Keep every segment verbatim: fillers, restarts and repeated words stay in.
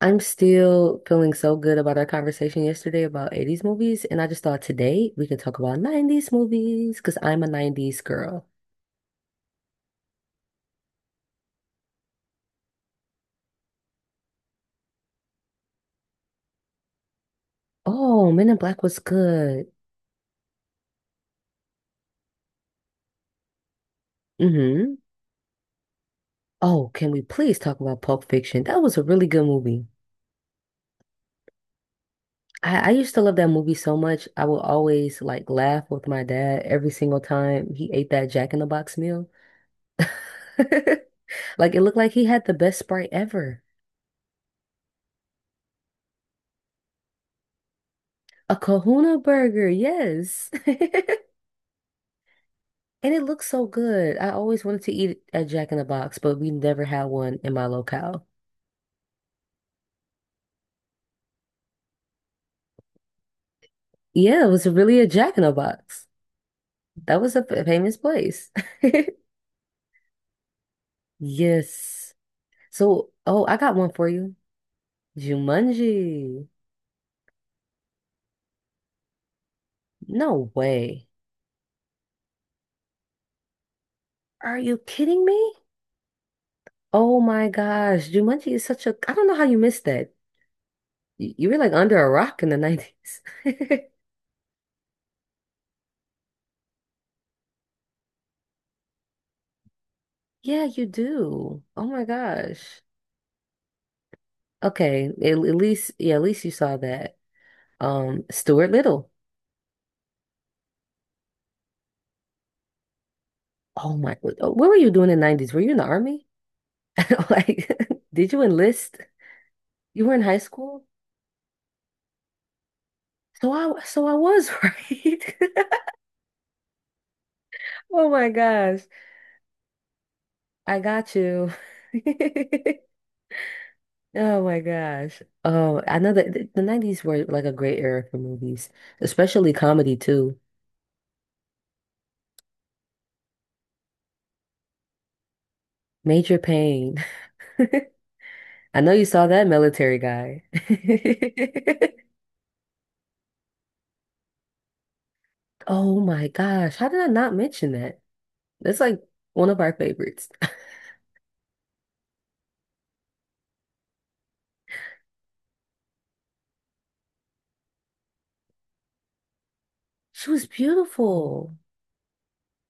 I'm still feeling so good about our conversation yesterday about eighties movies, and I just thought today we could talk about nineties movies because I'm a nineties girl. Oh, Men in Black was good. Mm-hmm. Oh, can we please talk about Pulp Fiction? That was a really good movie. I, I used to love that movie so much. I would always like laugh with my dad every single time he ate that Jack in the Box meal. Like it looked like he had the best Sprite ever. A Kahuna burger, yes. And it looks so good. I always wanted to eat at Jack in the Box, but we never had one in my locale. Yeah, it was really a Jack in the Box. That was a f- famous place. Yes. So, oh, I got one for you. Jumanji. No way. Are you kidding me? Oh my gosh. Jumanji is such a, I don't know how you missed that. You, you were like under a rock in the nineties. Yeah, you do. Oh my gosh. Okay. At, at least, yeah, at least you saw that. Um, Stuart Little. Oh my, what were you doing in the nineties? Were you in the army? Like, did you enlist? You were in high school? So I so I was, right? Oh my gosh. I got you. Oh my gosh. Oh, I know that the the nineties were like a great era for movies, especially comedy too. Major Pain. I know you saw that military guy. Oh my gosh. How did I not mention that? That's like one of our favorites. She was beautiful.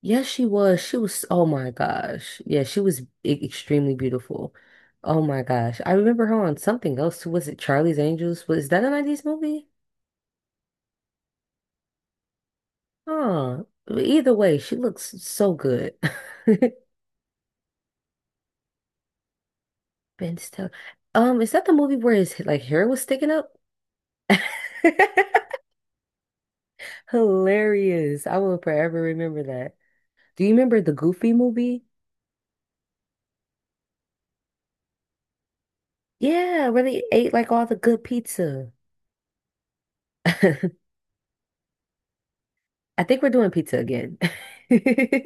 Yes, she was. She was, oh my gosh. Yeah, she was e- extremely beautiful. Oh my gosh. I remember her on something else too. Was it Charlie's Angels? Was that a nineties movie? Huh. Either way, she looks so good. Ben Stiller. Um, is that the movie where his like hair was sticking up? Hilarious. I will forever remember that. Do you remember the Goofy movie? Yeah, where they ate like all the good pizza. I think we're doing pizza again.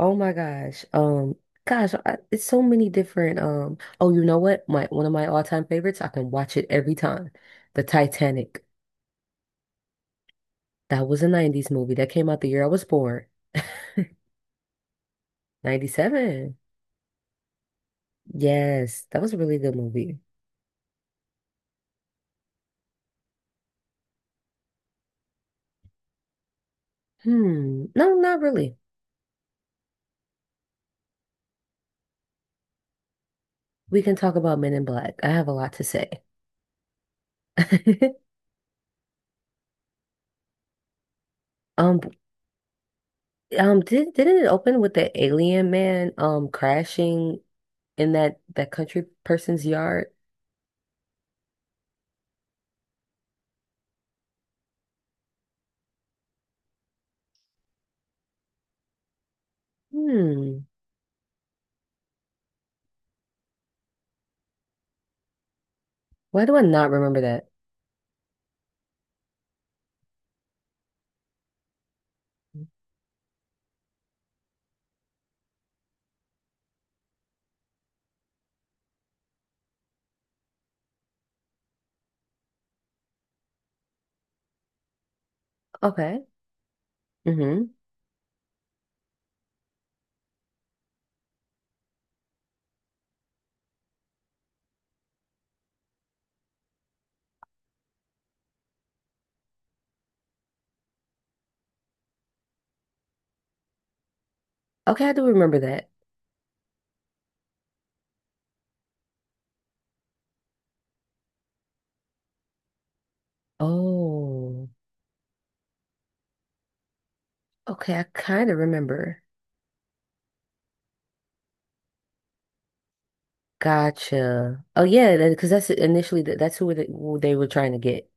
Oh my gosh. Um, gosh, I, it's so many different um oh, you know what? My one of my all-time favorites, I can watch it every time. The Titanic. That was a nineties movie that came out the year I was born. ninety-seven. Yes, that was a really good movie. Hmm. No, not really. We can talk about Men in Black. I have a lot to say. Um, um, did, didn't it open with the alien man um crashing in that that country person's yard. Hmm. Why do I not remember that? Okay. Mm-hmm. Okay, I do remember that. Oh. Okay, I kind of remember. Gotcha. Oh yeah, because that's initially th- that's who they, who they were trying to get.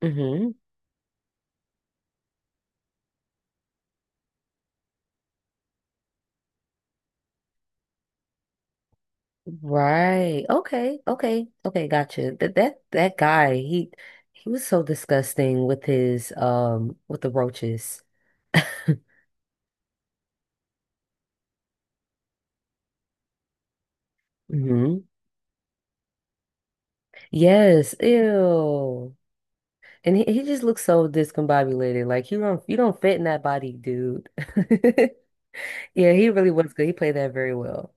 Mm-hmm. Right. Okay. Okay. Okay. Gotcha. That that that guy. He he was so disgusting with his um with the roaches. Mm-hmm. Yes. Ew. And he, he just looks so discombobulated. Like you don't you don't fit in that body, dude. Yeah, he really was good. He played that very well.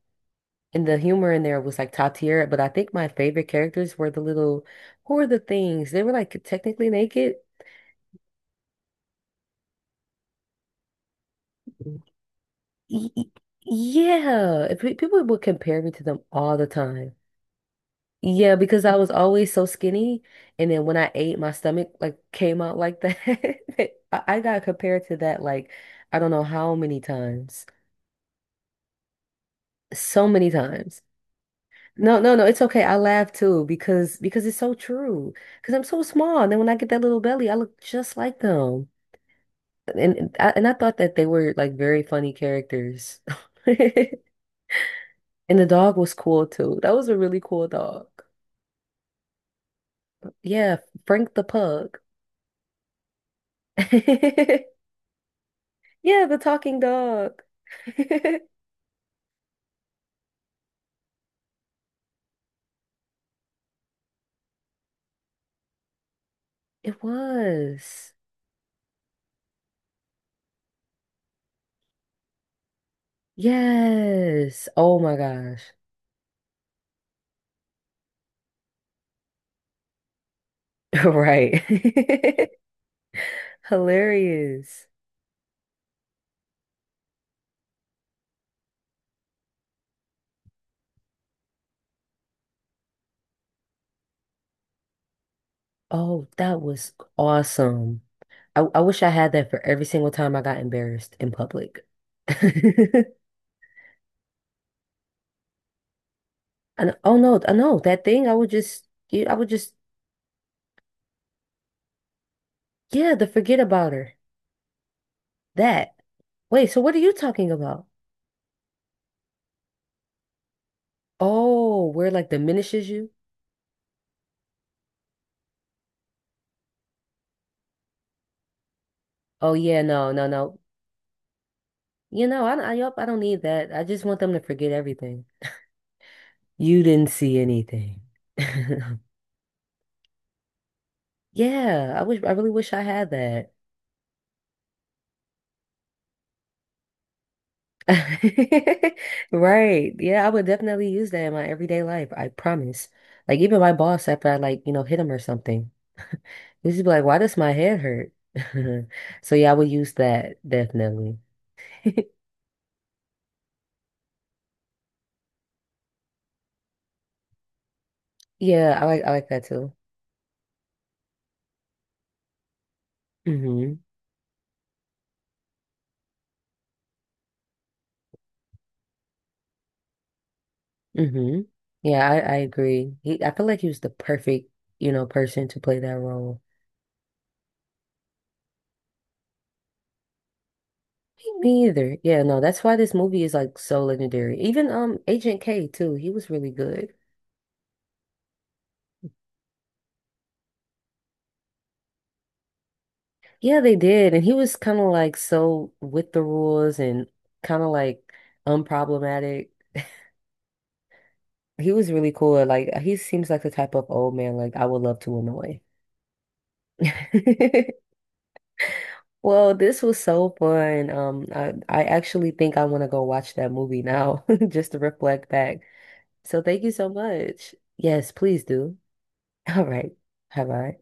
And the humor in there was like top tier. But I think my favorite characters were the little who were the things? They were like technically naked. Y- y- Yeah. If pe- people would compare me to them all the time. Yeah, because I was always so skinny. And then when I ate, my stomach like came out like that. I I got compared to that like I don't know how many times. So many times. No, no, no, it's okay. I laugh too because because it's so true. Because I'm so small, and then when I get that little belly, I look just like them. And and I, and I thought that they were like very funny characters. And the dog was cool too. That was a really cool dog. Yeah, Frank the pug. Yeah, the talking dog. It was. Yes. Oh my gosh. Right. Hilarious. Oh, that was awesome. I, I wish I had that for every single time I got embarrassed in public. And oh no, I know that thing. I would just, yeah, I would just, yeah, the forget about her. That. Wait, so what are you talking about? Oh, where like diminishes you? Oh yeah, no, no, no. You know, I, I, yup, I don't need that. I just want them to forget everything. You didn't see anything. Yeah, I wish, I really wish I had that. Right. Yeah, I would definitely use that in my everyday life. I promise. Like even my boss after I like, you know, hit him or something. He'd just be like, why does my head hurt? So yeah, I would use that definitely. Yeah, I like I like that too. Hmm. Hmm. Yeah, I, I agree. He I feel like he was the perfect, you know, person to play that role. Me me either. Yeah, no, that's why this movie is like so legendary. Even um Agent K too, he was really good. Yeah, they did. And he was kind of like so with the rules and kind of like unproblematic. He was really cool. Like he seems like the type of old man like I would love to annoy. Well, this was so fun. Um, I, I actually think I want to go watch that movie now just to reflect back. So thank you so much. Yes, please do. All right. Bye bye.